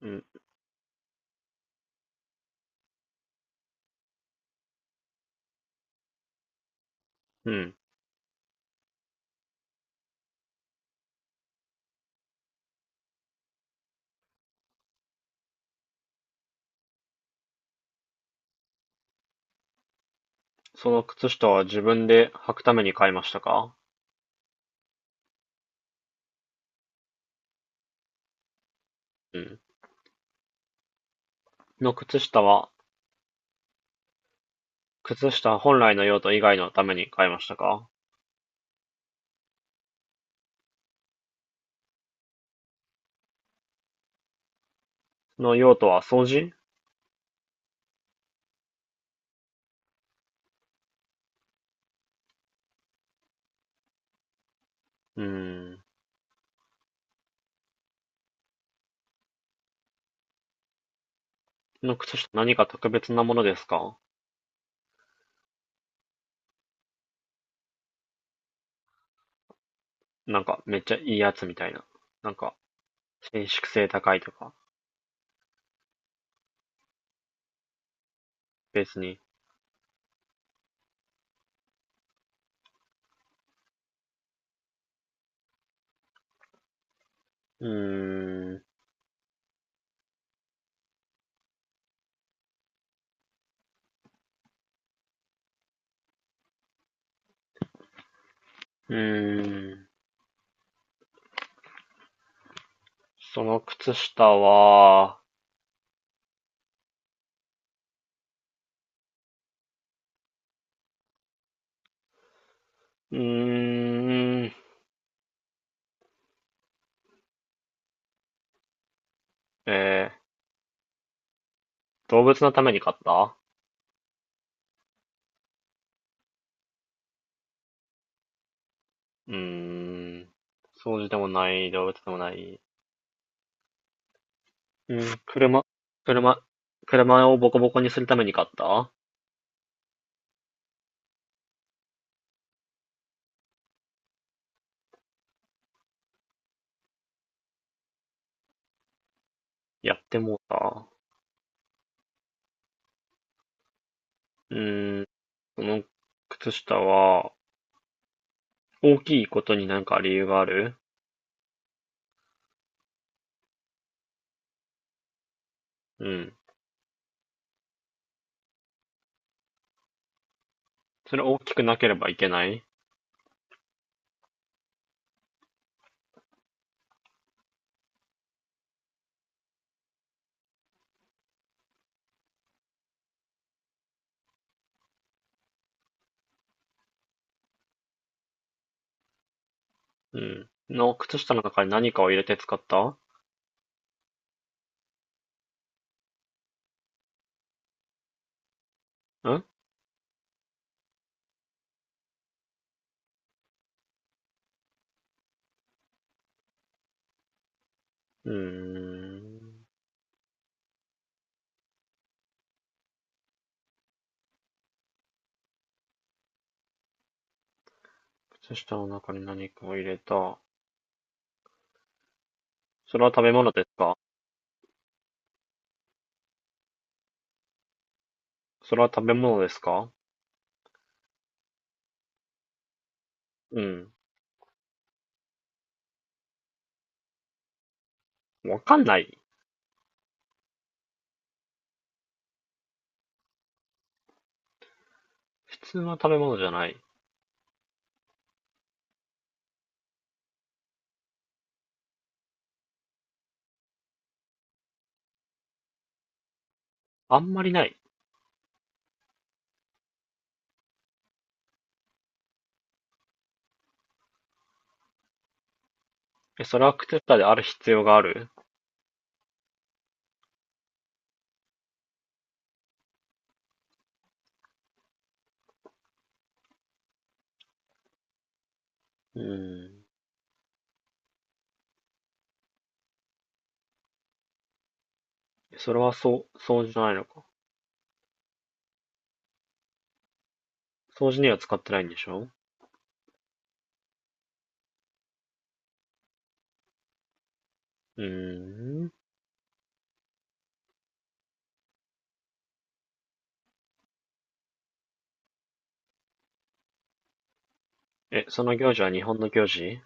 うん、うん。その靴下は自分で履くために買いましたか？うん。の靴下は、靴下本来の用途以外のために買いましたか？その用途は掃除？うーん。の靴下何か特別なものですか？なんかめっちゃいいやつみたいな。なんか伸縮性高いとか。別に。うーん。うーん。その靴下は、うーん。えー、動物のために買った？うーん。掃除でもない、動物でもない。うん、車、車をボコボコにするために買った？やってもうた。うーん、その靴下は、大きいことになんか理由がある？うん。それ大きくなければいけない？うん。の、靴下の中に何かを入れて使ったん？うーん。靴下の中に何かを入れた。それは食べ物ですか？それは食べ物ですか？うん。わかんない。普通の食べ物じゃない。あんまりない。え、それはクテッタである必要がある？うーん。それはそう、掃除じゃないのか。掃除には使ってないんでしょ？うーん。え、その行事は日本の行事？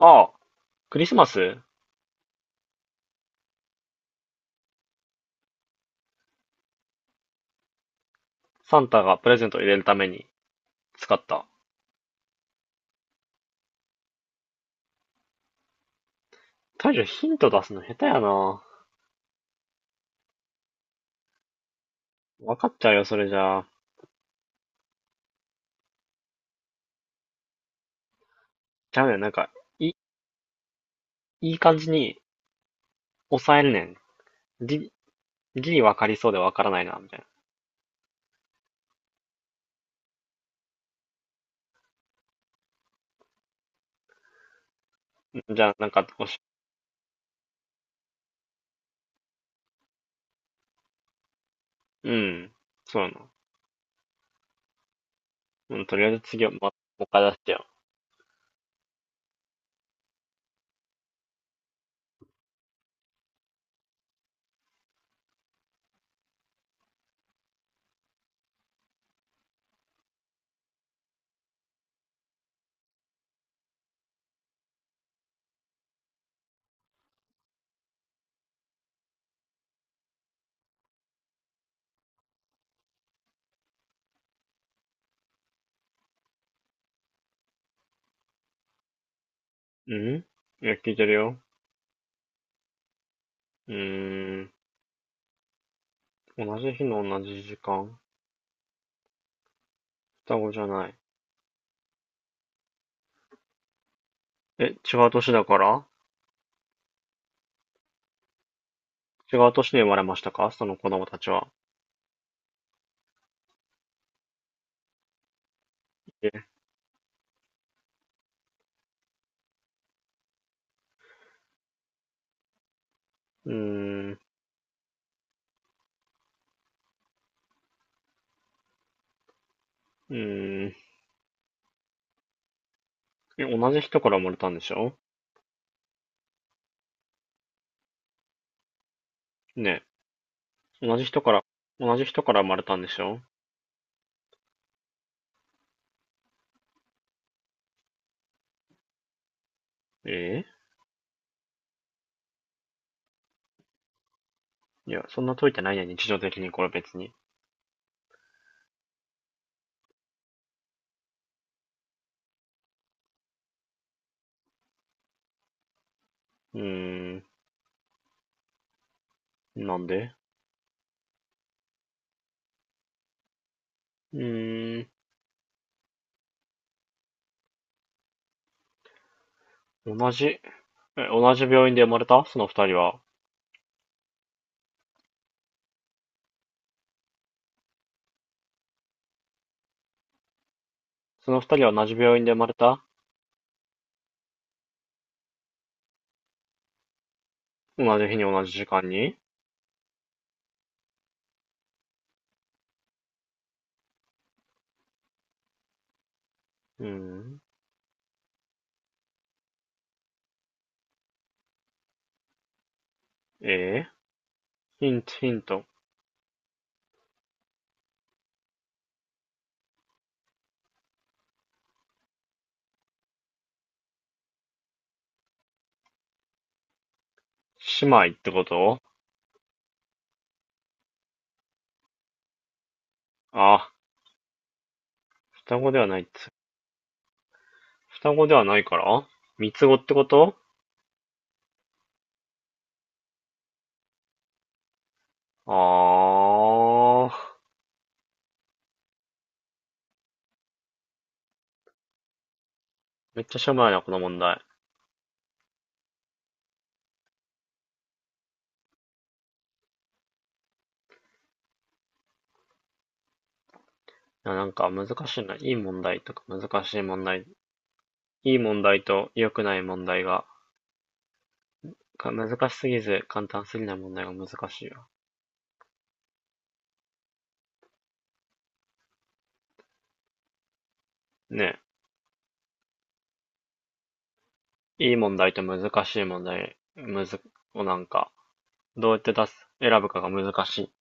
ああ、クリスマス。サンタがプレゼントを入れるために使った。大将ヒント出すの下手やな。わかっちゃうよ、それじゃあ。ちゃうねん、なんか、い、いい感じに抑えるねん。ギリ分わかりそうでわからないな、みたいな。じゃあ、なんか、おし、うん。そうやな。うん、とりあえず次は、ま、もう一回出しちゃう。うん、いや、聞いてるよ。うーん。同じ日の同じ時間、双子じゃない。え、違う年だから、違う年に生まれましたか、その子供たちは？え、うーん、うーん。え、同じ人から生まれたんでしょ？ね？え、同じ人から生まれたんでしょ？え。いや、そんな解いてないや、日常的にこれ別に。うーん、なんで、うーん、同じ、同じ病院で生まれたその二人は。その二人は同じ病院で生まれた？同じ日に同じ時間に？うん。えー、ヒント、ヒント。姉妹ってこと？あ、双子ではないっつ。双子ではないから三つ子ってこと？あー。めっちゃしょうもないな、この問題。いやなんか難しいな。いい問題とか難しい問題。いい問題と良くない問題が、か難しすぎず簡単すぎない問題が難しいよ。ねえ。いい問題と難しい問題、むず、をなんか、どうやって出す、選ぶかが難しい。